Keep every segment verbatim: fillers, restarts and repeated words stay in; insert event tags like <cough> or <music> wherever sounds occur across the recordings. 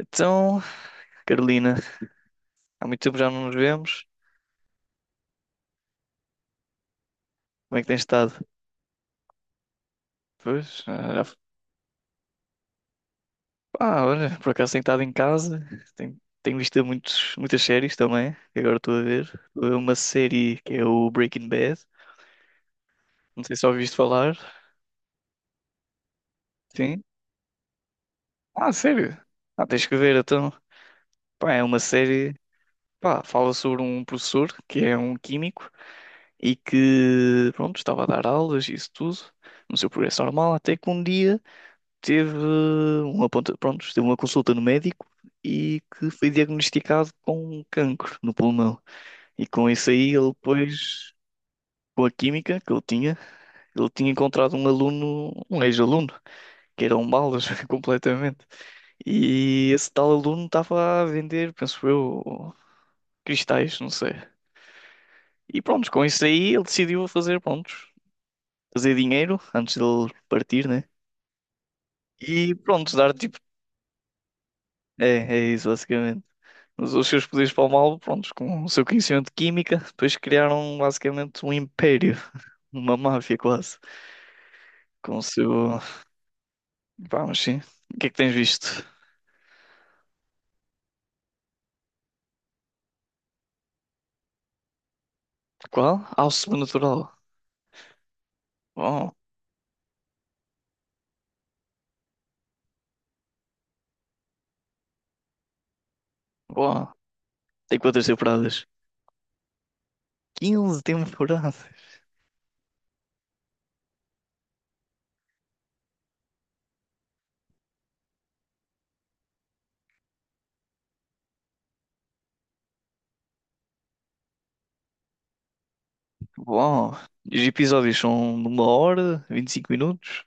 Então, Carolina, há muito tempo já não nos vemos. Como é que tens estado? Pois, ah, já- ah, olha, por acaso tenho estado em casa, tenho, tenho visto muitos, muitas séries também, que agora estou a ver. Estou a ver uma série que é o Breaking Bad, não sei se já ouviste falar. Sim? Ah, sério? Ah, tens que ver então. Pá, é uma série, pá, fala sobre um professor que é um químico e que, pronto, estava a dar aulas e isso tudo, no seu progresso normal, até que um dia teve uma, aponta- pronto, teve uma consulta no médico e que foi diagnosticado com um cancro no pulmão. E com isso aí ele depois, com a química que ele tinha, ele tinha encontrado um aluno, um ex-aluno, que era um balas <laughs> completamente. E esse tal aluno estava a vender, penso eu, cristais, não sei. E pronto, com isso aí ele decidiu fazer, pronto, fazer dinheiro antes dele partir, né? E pronto, dar tipo. É, é isso, basicamente. Usou os seus poderes para o mal, prontos, com o seu conhecimento de química, depois criaram basicamente um império, uma máfia quase, com o seu. Vamos, sim. O que é que tens visto? Qual? Ao Sobrenatural. Bom, bom. Tem quantas temporadas? Quinze temporadas. Bom. E os episódios são de uma hora, vinte e cinco minutos.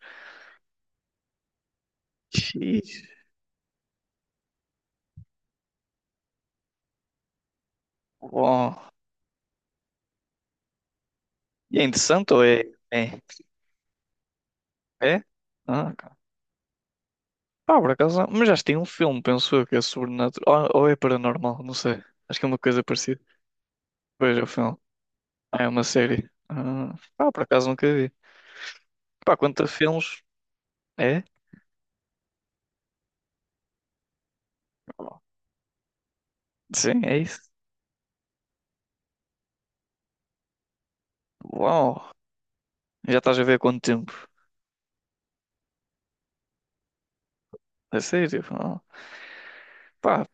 Xiii. Bom. E é interessante ou é? É? É? Ah, pá, por acaso, não. Mas já tem um filme, penso eu, que é sobrenatural. Ou, ou é paranormal, não sei. Acho que é uma coisa parecida. Veja o filme. Ah, é uma série. Ah, pá, por acaso nunca vi. Pá, quanto a filmes? É? Sim, é isso. Uau! Já estás a ver há quanto tempo? É sério? Uau. Pá,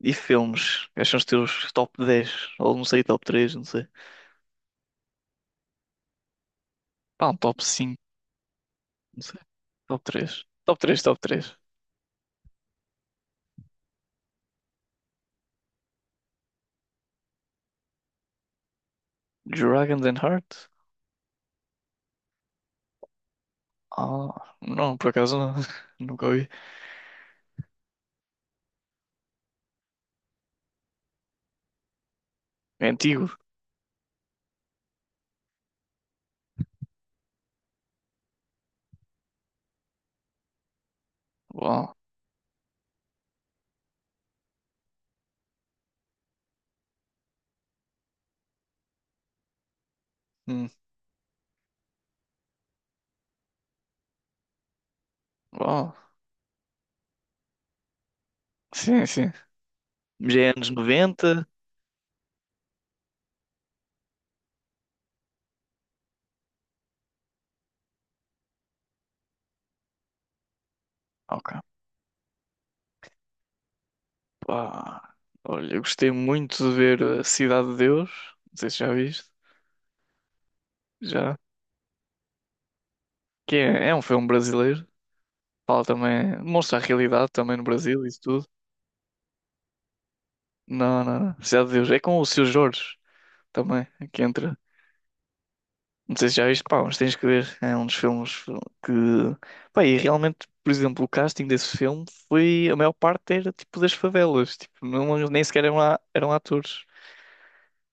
e filmes? Quais são os teus top dez? Ou não sei, top três, não sei. Pá, um top cinco, não sei. Top três. Top três. Top três. Dragons and Heart? Ah, não, por acaso não. <laughs> Nunca ouvi. É antigo. Uau. Hum. Oh, sim, sim. Já é anos noventa. Ok. Pá. Olha, eu gostei muito de ver a Cidade de Deus. Não sei se já viste. Já. Que é, é um filme brasileiro. Fala também. Mostra a realidade também no Brasil, isso tudo. Não, não, não. Cidade de Deus. É com o Seu Jorge também, que entra. Não sei se já viste, pá, mas tens que ver. É um dos filmes que. Pá, e realmente, por exemplo, o casting desse filme foi. A maior parte era tipo das favelas. Tipo, não, nem sequer eram, a- eram atores.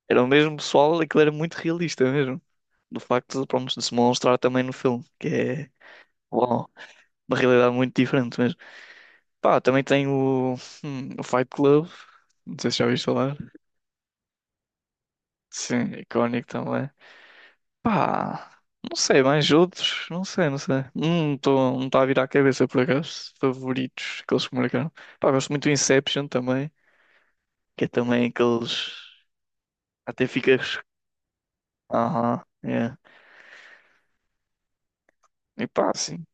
Era o mesmo pessoal, aquilo era muito realista mesmo. Do facto de, pronto, de se mostrar também no filme, que é uau, uma realidade muito diferente mesmo. Pá, também tem o, hum, o Fight Club, não sei se já ouviste falar. Sim, icónico também. Pá, não sei, mais outros, não sei, não sei. Não estou não tá a vir à cabeça por acaso, favoritos, aqueles que marcaram. Pá, gosto muito do Inception também, que é também aqueles. Até ficas. Aham, é. E pá, sim.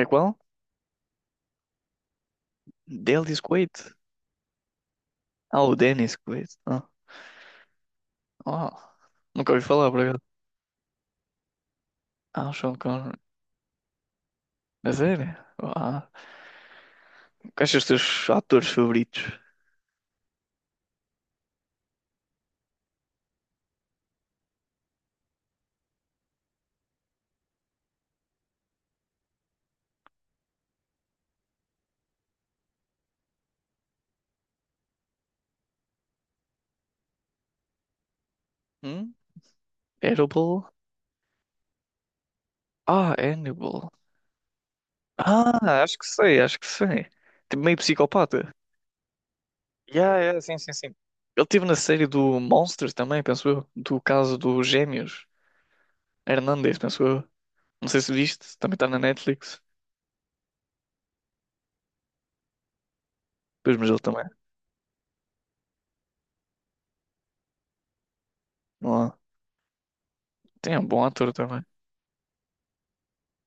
É qual? Dennis Quaid. Ah, o Dennis Quaid. Ah, uau. Nunca ouvi falar, por acaso. Ah, o Sean Connery. A sério? Ah, quais são os teus atores favoritos? Hum? Hannibal? Ah, Hannibal. Ah, acho que sei, acho que sei. Tipo, meio psicopata. Yeah, yeah, sim, sim, sim. Ele teve na série do Monsters também, penso eu. Do caso dos gêmeos. Hernandes, penso eu. Não sei se viste, também está na Netflix. Pois, mas ele também. Não há. Tem um bom ator também.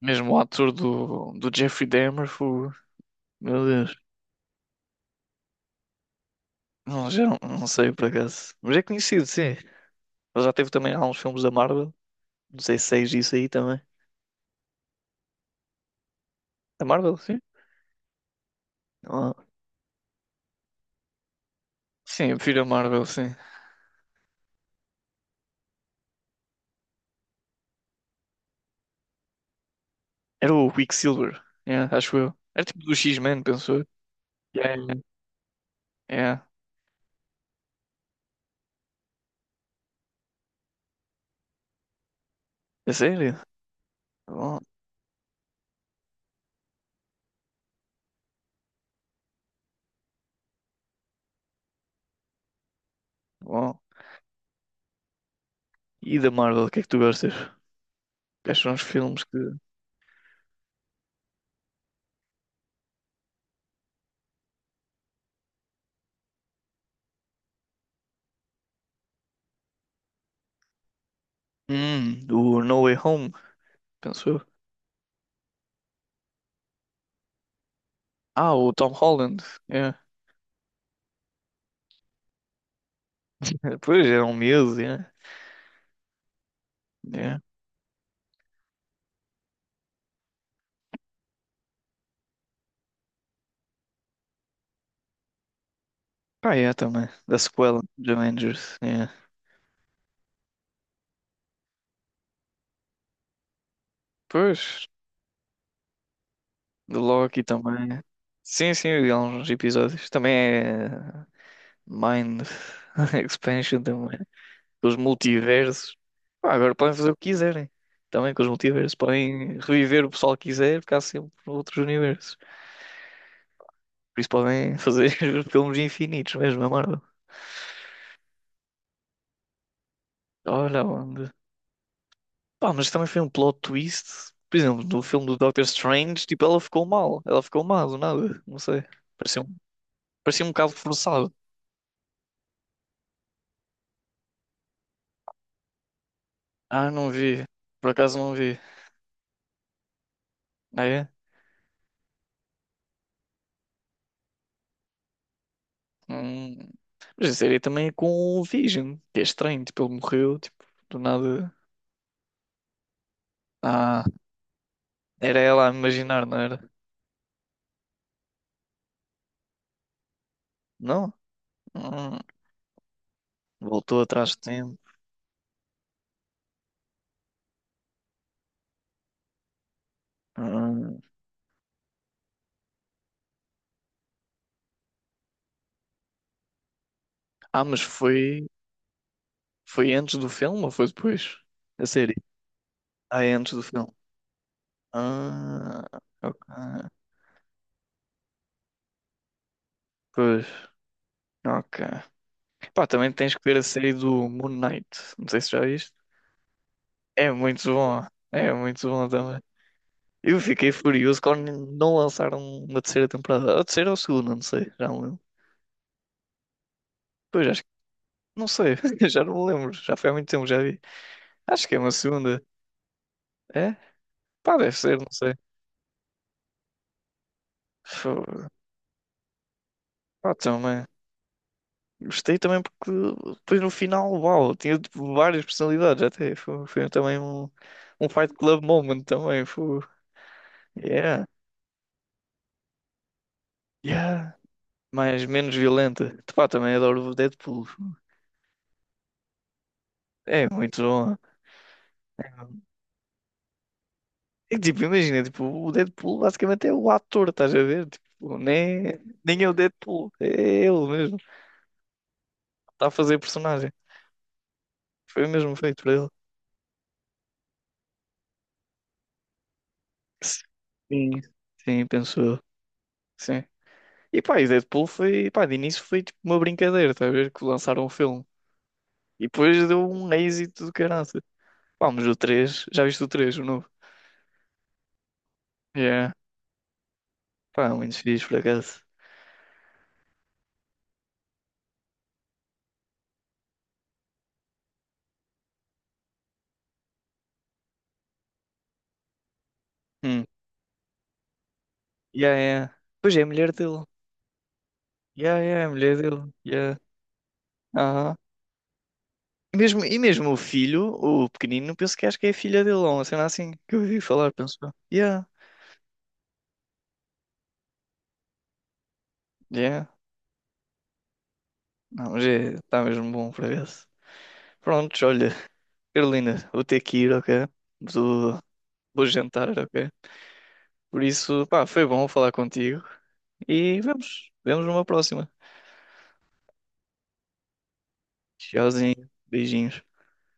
Mesmo o ator do, do Jeffrey Dahmer, fu- meu Deus. Não, já não, não sei por acaso. Mas é conhecido, sim. Ele já teve também alguns filmes da Marvel. Não sei se é isso aí também. Da Marvel, sim? Não há. Sim, eu prefiro a Marvel, sim. Era o Quicksilver, yeah, acho eu. Era tipo do X-Men, penso eu. Yeah, yeah. Yeah. É sério? Bom, bom. E da Marvel, o que é que tu gostas? Quais são os filmes que. Hum, do No Way Home, penso eu. Ah, o Tom Holland. Yeah. <laughs> Pois, era um miúdo, yeah. Yeah. Pá, yeah, também. Da sequela dos Avengers. Yeah. Pois, do Loki também. Sim, sim, eu vi alguns episódios. Também é Mind <laughs> Expansion também. Com os multiversos. Pá, agora podem fazer o que quiserem. Também com os multiversos. Podem reviver o pessoal que quiser, ficar sempre noutros universos. Por isso podem fazer <laughs> filmes infinitos mesmo, é Marvel. Olha onde. Pá, mas também foi um plot twist. Por exemplo, no filme do Doctor Strange, tipo, ela ficou mal. Ela ficou mal do nada. Não sei. Parecia um, parecia um bocado forçado. Ah, não vi. Por acaso não vi. Ah, é? Hum. Mas a série também é com o Vision, que é estranho. Tipo, ele morreu, tipo, do nada. Ah. Era ela a imaginar, não era? Não? Hum, Voltou atrás de tempo. Hum. Ah, mas foi, foi antes do filme ou foi depois? A série? Ah, é antes do filme. Ah, ok. Pois, ok. Pá, também tens que ver a série do Moon Knight. Não sei se já viste. É muito bom. É muito bom também. Eu fiquei furioso quando não lançaram uma terceira temporada. A terceira ou a segunda, não sei. Já não lembro. Pois, acho que. Não sei. <laughs> Já não me lembro. Já foi há muito tempo, já vi. Acho que é uma segunda. É? Pá, deve ser, não sei. Fo- Pá, também. Gostei também porque depois no final, uau, tinha tipo, várias personalidades até. Foi, foi também um, um Fight Club moment também. Foi, yeah, yeah. Mas menos violenta. Pá, também adoro o Deadpool. É muito bom. E tipo, imagina, tipo, o Deadpool basicamente é o ator, estás a ver? Tipo, nem, nem é o Deadpool, é ele mesmo. Está a fazer personagem. Foi mesmo feito para ele. Sim. Sim, penso eu. Sim. E pá, e Deadpool foi, pá, de início foi tipo uma brincadeira, estás a ver? Que lançaram o filme. E depois deu um êxito do caralho. Pá, mas o três, já viste o três, o novo? Yeah, pá, muito fixe por acaso. Hum. Yeah, yeah. Pois é, a mulher dele. Yeah, yeah, a mulher dele. Yeah. Aham. E mesmo, e mesmo o filho, o pequenino, penso que acho que é a filha dele, ou uma cena assim, que eu ouvi falar, penso eu. Yeah, yeah. Não, mas é, está mesmo bom por acaso. Prontos, olha, Carolina, vou ter que ir, ok? Vou, vou jantar, ok? Por isso, pá, foi bom falar contigo. E vemos, vemos numa próxima. Tchauzinho, beijinhos.